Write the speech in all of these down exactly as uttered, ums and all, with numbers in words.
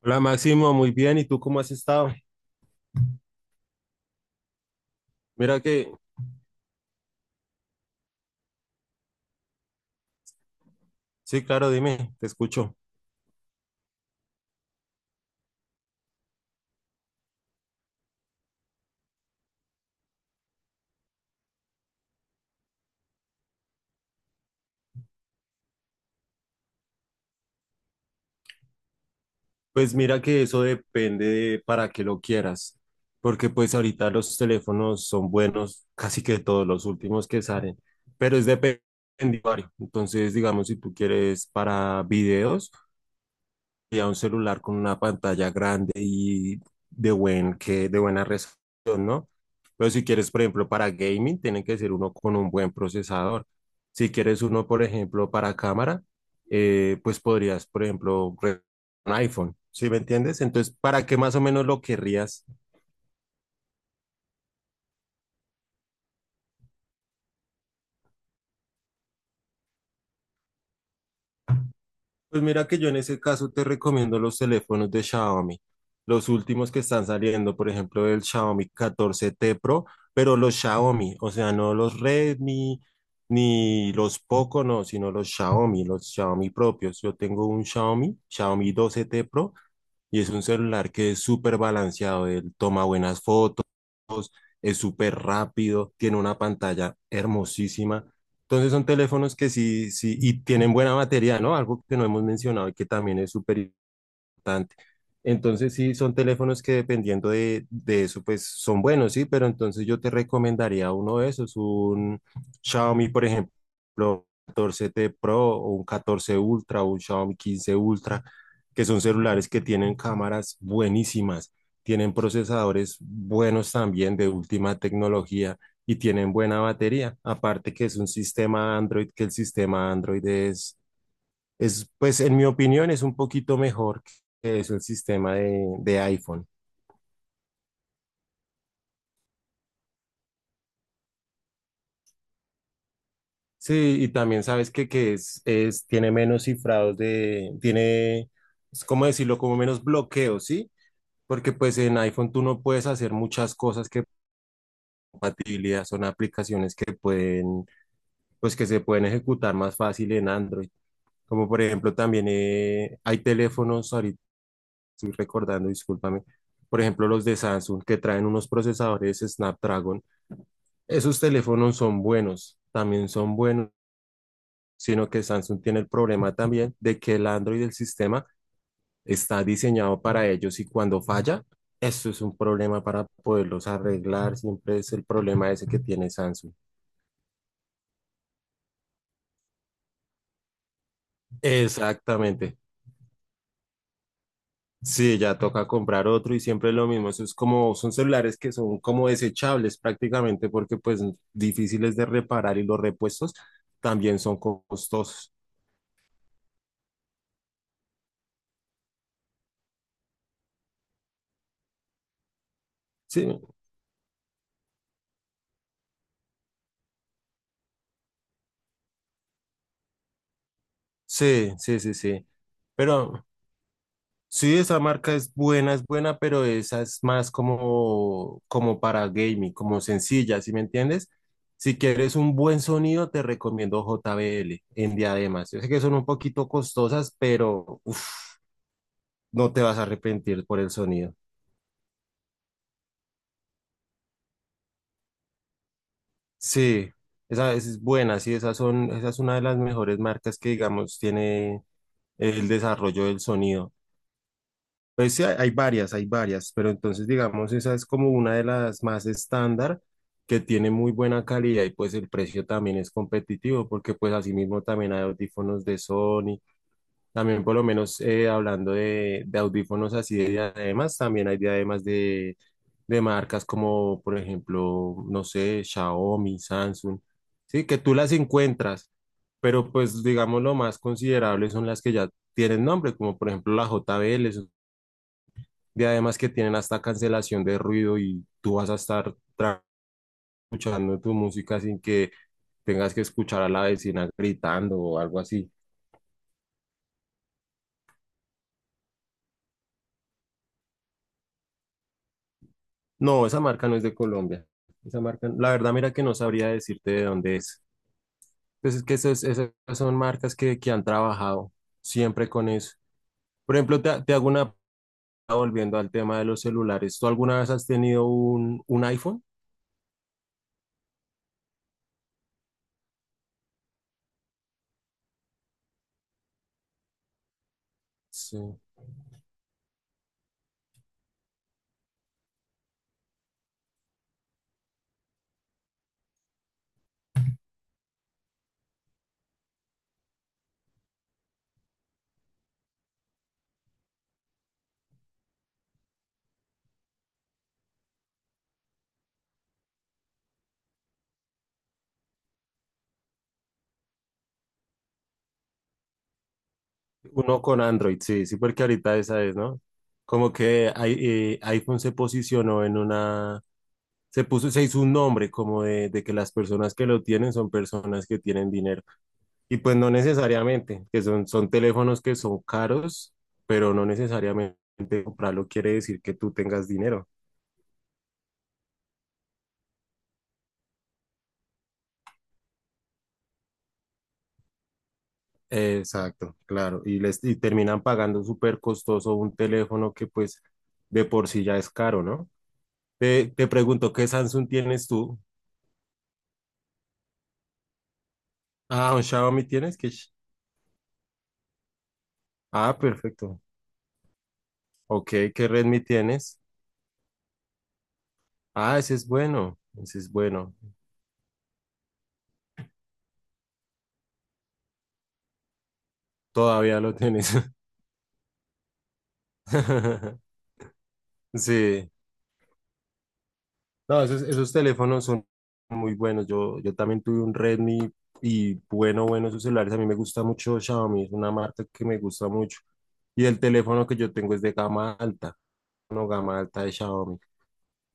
Hola Máximo, muy bien. ¿Y tú cómo has estado? Mira que, sí, claro, dime, te escucho. Pues mira que eso depende de para qué lo quieras, porque pues ahorita los teléfonos son buenos, casi que todos los últimos que salen, pero es dependiente. Entonces, digamos, si tú quieres para videos, sería un celular con una pantalla grande y de, buen, que, de buena resolución, ¿no? Pero si quieres, por ejemplo, para gaming, tiene que ser uno con un buen procesador. Si quieres uno, por ejemplo, para cámara, eh, pues podrías, por ejemplo, re- un iPhone, ¿sí me entiendes? Entonces, ¿para qué más o menos lo querrías? Pues mira que yo en ese caso te recomiendo los teléfonos de Xiaomi, los últimos que están saliendo, por ejemplo, el Xiaomi catorce t Pro, pero los Xiaomi, o sea, no los Redmi ni los Poco, no, sino los Xiaomi, los Xiaomi propios. Yo tengo un Xiaomi, Xiaomi doce t Pro, y es un celular que es súper balanceado, él toma buenas fotos, es súper rápido, tiene una pantalla hermosísima. Entonces son teléfonos que sí, sí, y tienen buena batería, ¿no? Algo que no hemos mencionado y que también es súper importante. Entonces, sí, son teléfonos que dependiendo de, de eso, pues son buenos, sí, pero entonces yo te recomendaría uno de esos, un Xiaomi, por ejemplo, catorce te Pro o un catorce Ultra o un Xiaomi quince Ultra, que son celulares que tienen cámaras buenísimas, tienen procesadores buenos también de última tecnología y tienen buena batería. Aparte que es un sistema Android, que el sistema Android es es, pues en mi opinión es un poquito mejor que es el sistema de, de iPhone. Sí, y también sabes que, que es, es, tiene menos cifrados de, tiene, es como decirlo, como menos bloqueos, ¿sí? Porque pues en iPhone tú no puedes hacer muchas cosas que compatibilidad, son aplicaciones que pueden, pues que se pueden ejecutar más fácil en Android. Como por ejemplo también eh, hay teléfonos, ahorita estoy recordando, discúlpame, por ejemplo los de Samsung que traen unos procesadores Snapdragon. Esos teléfonos son buenos, también son buenos, sino que Samsung tiene el problema también de que el Android del sistema está diseñado para ellos y cuando falla, eso es un problema para poderlos arreglar, siempre es el problema ese que tiene Samsung. Exactamente. Sí, ya toca comprar otro y siempre es lo mismo. Eso es como, son celulares que son como desechables prácticamente porque pues difíciles de reparar y los repuestos también son costosos. Sí, sí, sí, sí, sí. Pero sí, esa marca es buena, es buena, pero esa es más como, como para gaming, como sencilla, ¿sí me entiendes? Si quieres un buen sonido, te recomiendo J B L en diademas. Yo sé que son un poquito costosas, pero uf, no te vas a arrepentir por el sonido. Sí, esa es buena, sí, esas son, esa es una de las mejores marcas que, digamos, tiene el desarrollo del sonido. Pues sí, hay hay varias, hay varias, pero entonces digamos, esa es como una de las más estándar que tiene muy buena calidad y pues el precio también es competitivo porque pues asimismo también hay audífonos de Sony, también por lo menos eh, hablando de, de audífonos así de diademas, también hay diademas de, de marcas como por ejemplo, no sé, Xiaomi, Samsung, sí, que tú las encuentras, pero pues digamos lo más considerable son las que ya tienen nombre, como por ejemplo la J B L, de además que tienen hasta cancelación de ruido y tú vas a estar tra- escuchando tu música sin que tengas que escuchar a la vecina gritando o algo así. No, esa marca no es de Colombia. Esa marca, la verdad, mira que no sabría decirte de dónde es. Pues es que esas, esas son marcas que, que han trabajado siempre con eso. Por ejemplo, te, te hago una, volviendo al tema de los celulares. ¿Tú alguna vez has tenido un, un iPhone? Sí. Uno con Android, sí, sí, porque ahorita esa es, ¿no? Como que i- eh, iPhone se posicionó en una, se puso, se hizo un nombre como de, de que las personas que lo tienen son personas que tienen dinero. Y pues no necesariamente, que son, son teléfonos que son caros, pero no necesariamente comprarlo quiere decir que tú tengas dinero. Exacto, claro. Y les, y terminan pagando súper costoso un teléfono que pues de por sí ya es caro, ¿no? Te, te pregunto, ¿qué Samsung tienes tú? Ah, un Xiaomi tienes que... sh- Ah, perfecto. Ok, ¿qué Redmi tienes? Ah, ese es bueno. Ese es bueno. Todavía lo tienes. Sí. No, esos, esos teléfonos son muy buenos. Yo, yo también tuve un Redmi y bueno, bueno, esos celulares. A mí me gusta mucho Xiaomi. Es una marca que me gusta mucho. Y el teléfono que yo tengo es de gama alta. No, gama alta de Xiaomi.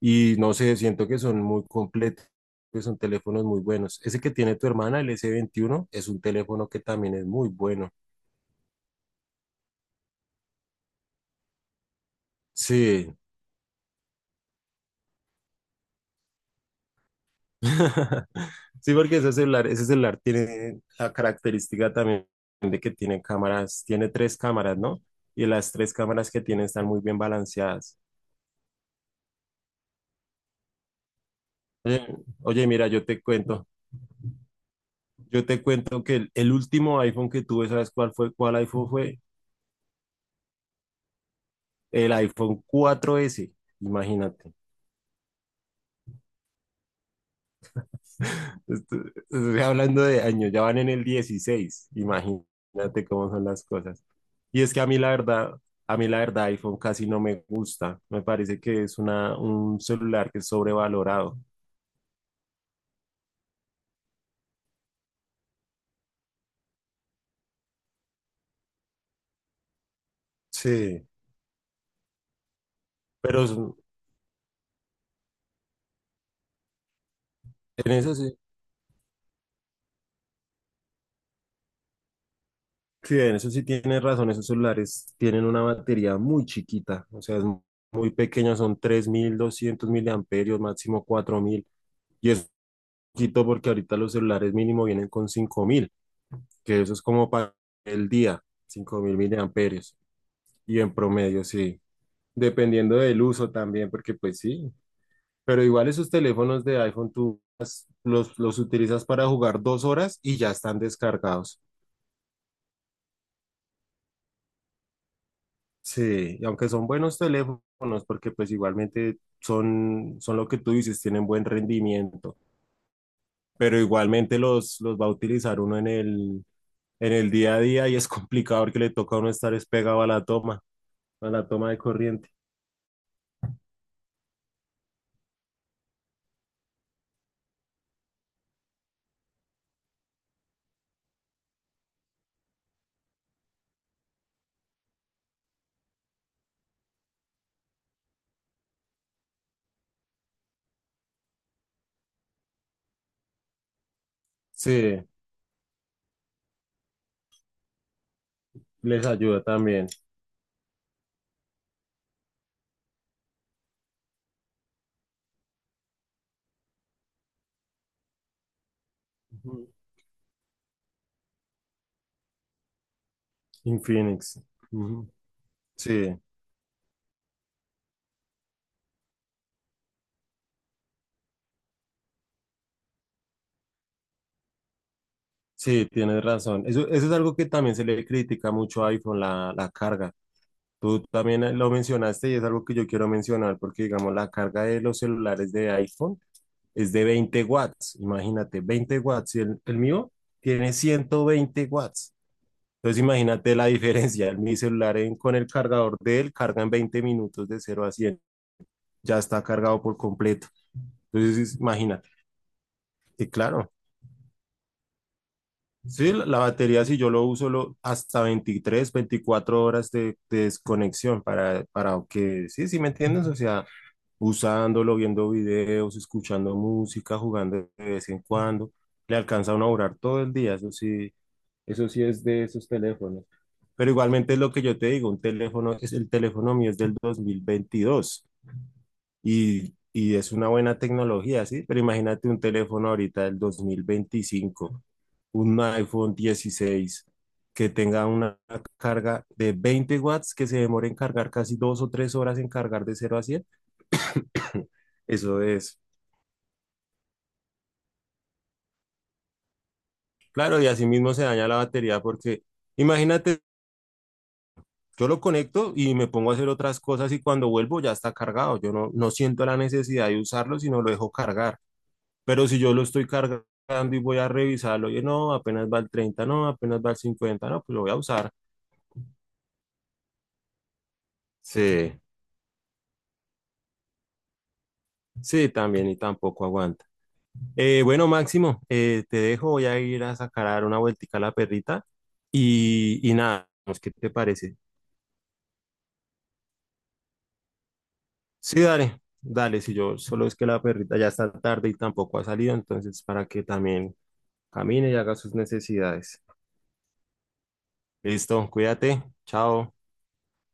Y no sé, siento que son muy completos, que son teléfonos muy buenos. Ese que tiene tu hermana, el ese veintiuno, es un teléfono que también es muy bueno. Sí. Sí, porque ese celular, ese celular tiene la característica también de que tiene cámaras, tiene tres cámaras, ¿no? Y las tres cámaras que tiene están muy bien balanceadas. Oye, oye, mira, yo te cuento, yo te cuento que el, el último iPhone que tuve, ¿sabes cuál fue? ¿Cuál iPhone fue? El iPhone cuatro ese, imagínate. Esto- Estoy hablando de años, ya van en el dieciséis. Imagínate cómo son las cosas. Y es que a mí la verdad, a mí la verdad iPhone casi no me gusta, me parece que es una, un celular que es sobrevalorado, sí, pero es- en eso sí, sí, en eso sí tienes razón, esos celulares tienen una batería muy chiquita, o sea, es muy pequeña, son tres mil doscientos miliamperios, máximo cuatro mil. Y es poquito porque ahorita los celulares mínimo vienen con cinco mil, que eso es como para el día, cinco mil miliamperios. Y en promedio, sí. Dependiendo del uso también, porque pues sí. Pero igual esos teléfonos de iPhone tú los, los utilizas para jugar dos horas y ya están descargados. Sí, y aunque son buenos teléfonos, porque pues igualmente son, son lo que tú dices, tienen buen rendimiento, pero igualmente los, los va a utilizar uno en el, en el día a día y es complicado porque le toca a uno estar es pegado a la toma, a la toma de corriente. Sí, les ayuda también. Ujú. Infinix. Ujú. Sí, sí, tienes razón. Eso, eso es algo que también se le critica mucho a iPhone, la, la carga. Tú también eh, lo mencionaste y es algo que yo quiero mencionar porque, digamos, la carga de los celulares de iPhone es de veinte watts. Imagínate, veinte watts. Y el, el mío tiene ciento veinte watts. Entonces, imagínate la diferencia. El, mi celular en- con el cargador de él carga en veinte minutos de cero a cien. Ya está cargado por completo. Entonces, imagínate. Y claro. Sí, la la batería si yo lo uso lo, hasta veintitrés, veinticuatro horas de, de desconexión para, para que, sí, sí, ¿me entiendes? O sea, usándolo, viendo videos, escuchando música, jugando de vez en cuando, le alcanza a uno a durar todo el día, eso sí, eso sí es de esos teléfonos. Pero igualmente es lo que yo te digo, un teléfono, es el teléfono mío es del dos mil veintidós. Y, y es una buena tecnología, ¿sí? Pero imagínate un teléfono ahorita del dos mil veinticinco, un iPhone dieciséis que tenga una carga de veinte watts, que se demore en cargar casi dos o tres horas en cargar de cero a cien. Eso es. Claro, y así mismo se daña la batería porque imagínate, yo lo conecto y me pongo a hacer otras cosas y cuando vuelvo ya está cargado. Yo no, no siento la necesidad de usarlo, sino lo dejo cargar. Pero si yo lo estoy cargando y voy a revisarlo, oye, no, apenas va el treinta no, apenas va el cincuenta no, pues lo voy a usar. Sí, sí, también y tampoco aguanta. Eh, bueno, Máximo, eh, te dejo, voy a ir a sacar a dar una vueltica a la perrita y, y nada, pues, ¿qué te parece? Sí, dale, dale, si yo solo es que la perrita ya está tarde y tampoco ha salido, entonces para que también camine y haga sus necesidades. Listo, cuídate, chao.